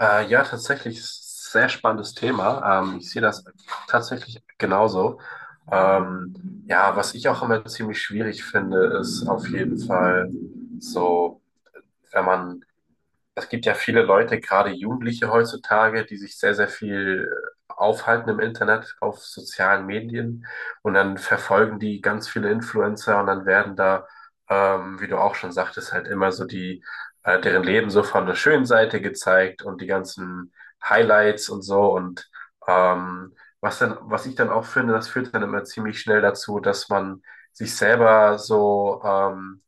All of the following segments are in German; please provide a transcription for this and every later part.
Ja, tatsächlich ist ein sehr spannendes Thema. Ich sehe das tatsächlich genauso. Ja, was ich auch immer ziemlich schwierig finde, ist auf jeden Fall so, wenn man es gibt ja viele Leute, gerade Jugendliche heutzutage, die sich sehr, sehr viel aufhalten im Internet, auf sozialen Medien, und dann verfolgen die ganz viele Influencer, und dann werden da, wie du auch schon sagtest, halt immer so deren Leben so von der schönen Seite gezeigt und die ganzen Highlights und so, und ähm, was ich dann auch finde, das führt dann immer ziemlich schnell dazu, dass man sich selber so,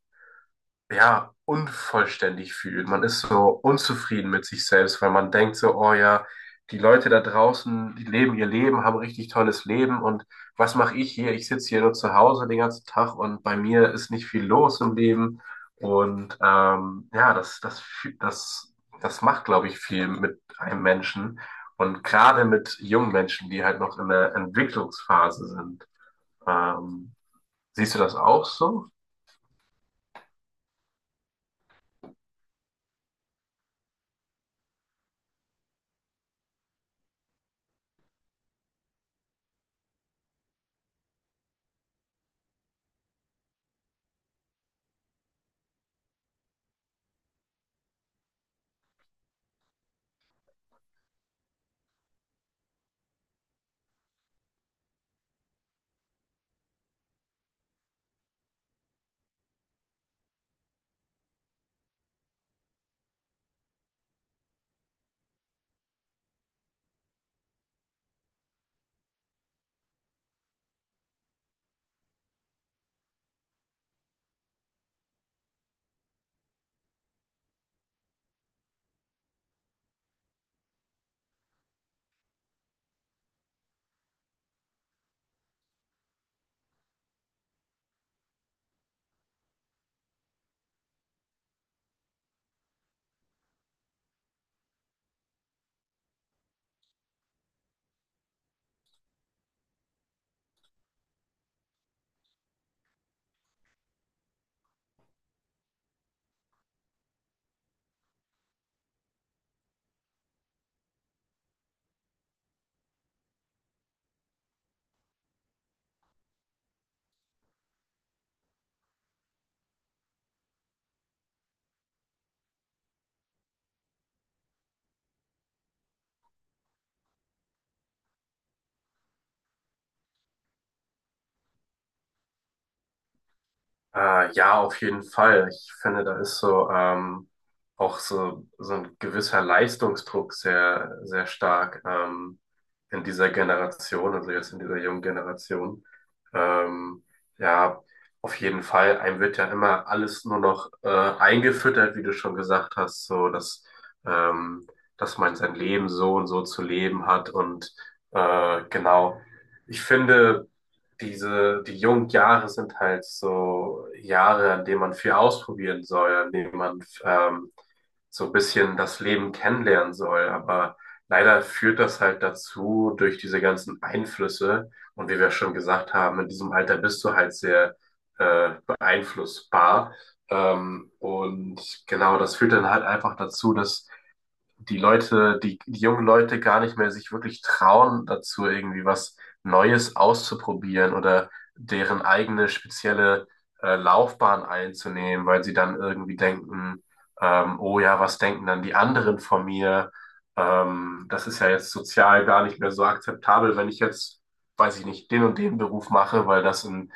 ja, unvollständig fühlt. Man ist so unzufrieden mit sich selbst, weil man denkt so, oh ja, die Leute da draußen, die leben ihr Leben, haben richtig tolles Leben, und was mache ich hier? Ich sitze hier nur zu Hause den ganzen Tag, und bei mir ist nicht viel los im Leben. Und ja, das, das macht, glaube ich, viel mit einem Menschen. Und gerade mit jungen Menschen, die halt noch in der Entwicklungsphase sind. Ähm, Siehst du das auch so? Ja, auf jeden Fall. Ich finde, da ist so, auch so, so ein gewisser Leistungsdruck sehr, sehr stark, in dieser Generation, also jetzt in dieser jungen Generation. Ähm, ja, auf jeden Fall. Einem wird ja immer alles nur noch eingefüttert, wie du schon gesagt hast, so dass, ähm, dass man sein Leben so und so zu leben hat, und genau. Ich finde, die jungen Jahre sind halt so Jahre, an denen man viel ausprobieren soll, an denen man, so ein bisschen das Leben kennenlernen soll. Aber leider führt das halt dazu, durch diese ganzen Einflüsse. Und wie wir schon gesagt haben, in diesem Alter bist du halt sehr, beeinflussbar. Und genau, das führt dann halt einfach dazu, dass die Leute, die jungen Leute gar nicht mehr sich wirklich trauen dazu, irgendwie was Neues auszuprobieren oder deren eigene spezielle, Laufbahn einzunehmen, weil sie dann irgendwie denken, oh ja, was denken dann die anderen von mir? Das ist ja jetzt sozial gar nicht mehr so akzeptabel, wenn ich jetzt, weiß ich nicht, den und den Beruf mache, weil das in,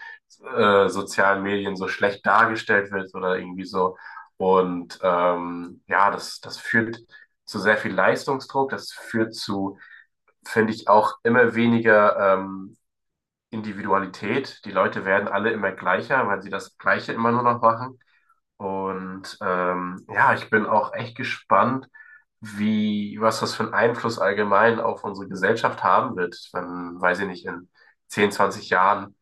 sozialen Medien so schlecht dargestellt wird oder irgendwie so. Und ja, das führt zu sehr viel Leistungsdruck. Das führt zu, finde ich, auch immer weniger, Individualität. Die Leute werden alle immer gleicher, weil sie das Gleiche immer nur noch machen. Und ja, ich bin auch echt gespannt, was das für einen Einfluss allgemein auf unsere Gesellschaft haben wird, wenn, weiß ich nicht, in 10, 20 Jahren,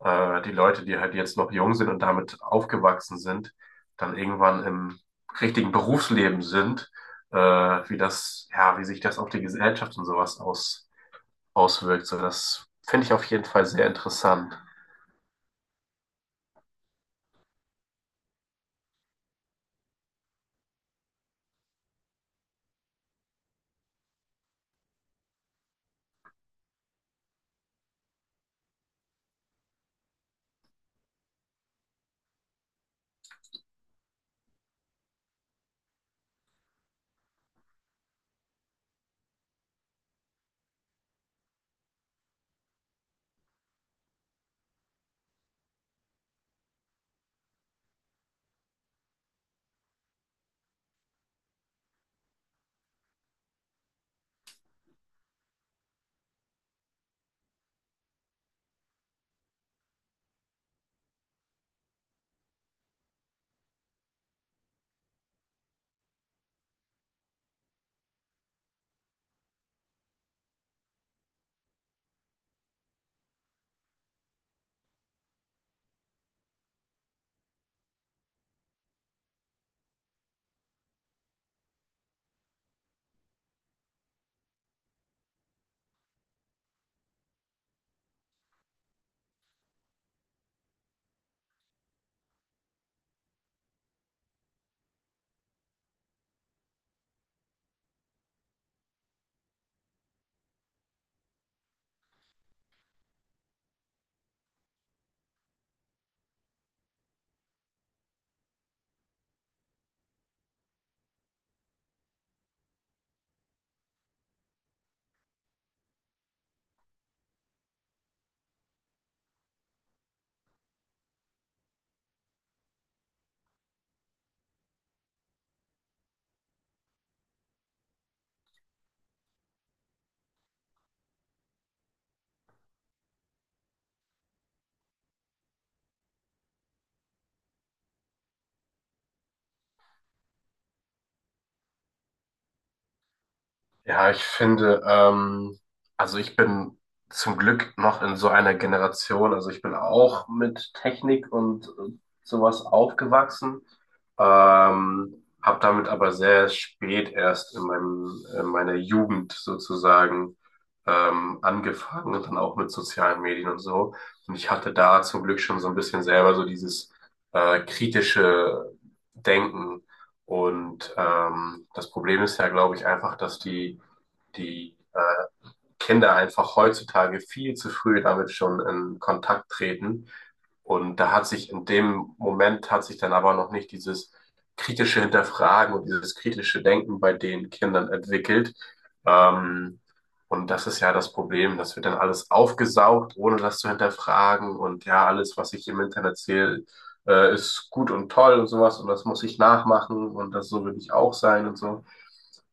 die Leute, die halt jetzt noch jung sind und damit aufgewachsen sind, dann irgendwann im richtigen Berufsleben sind, ja, wie sich das auf die Gesellschaft und sowas auswirkt. So, das finde ich auf jeden Fall sehr interessant. Ja, ich finde, also ich bin zum Glück noch in so einer Generation, also ich bin auch mit Technik und sowas aufgewachsen, habe damit aber sehr spät erst in meinem, in meiner Jugend sozusagen angefangen und dann auch mit sozialen Medien und so. Und ich hatte da zum Glück schon so ein bisschen selber so dieses, kritische Denken, und das Problem ist ja, glaube ich, einfach, dass die, die, Kinder einfach heutzutage viel zu früh damit schon in Kontakt treten. Und da hat sich in dem Moment hat sich dann aber noch nicht dieses kritische Hinterfragen und dieses kritische Denken bei den Kindern entwickelt. Ähm, und das ist ja das Problem, das wird dann alles aufgesaugt, ohne das zu hinterfragen. Und ja, alles, was ich im Internet sehe, ist gut und toll und sowas. Und das muss ich nachmachen, und das so will ich auch sein und so.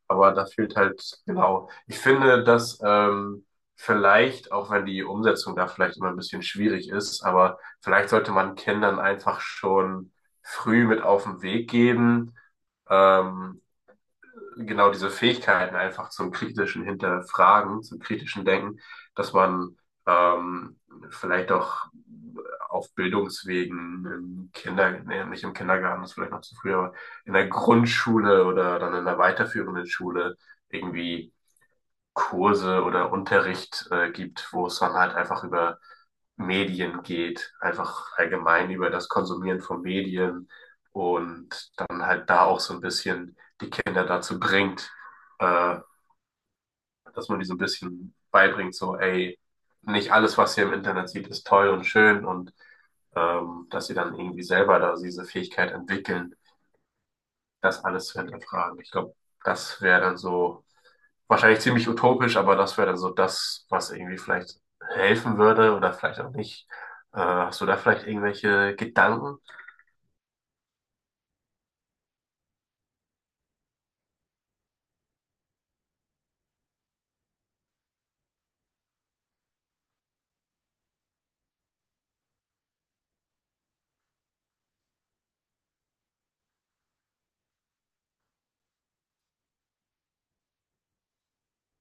Aber da fehlt halt, genau. Ich finde, dass, vielleicht, auch wenn die Umsetzung da vielleicht immer ein bisschen schwierig ist, aber vielleicht sollte man Kindern einfach schon früh mit auf den Weg geben. Ähm, genau diese Fähigkeiten einfach zum kritischen Hinterfragen, zum kritischen Denken, dass man, ähm, vielleicht auch auf Bildungswegen im Kinder, nee, nicht im Kindergarten, das ist vielleicht noch zu früh, aber in der Grundschule oder dann in der weiterführenden Schule irgendwie Kurse oder Unterricht gibt, wo es dann halt einfach über Medien geht, einfach allgemein über das Konsumieren von Medien, und dann halt da auch so ein bisschen die Kinder dazu bringt, äh, dass man die so ein bisschen beibringt, so, ey, nicht alles, was ihr im Internet sieht, ist toll und schön, und dass sie dann irgendwie selber da diese Fähigkeit entwickeln, das alles zu hinterfragen. Ich glaube, das wäre dann so wahrscheinlich ziemlich utopisch, aber das wäre dann so das, was irgendwie vielleicht helfen würde oder vielleicht auch nicht. Hast du da vielleicht irgendwelche Gedanken?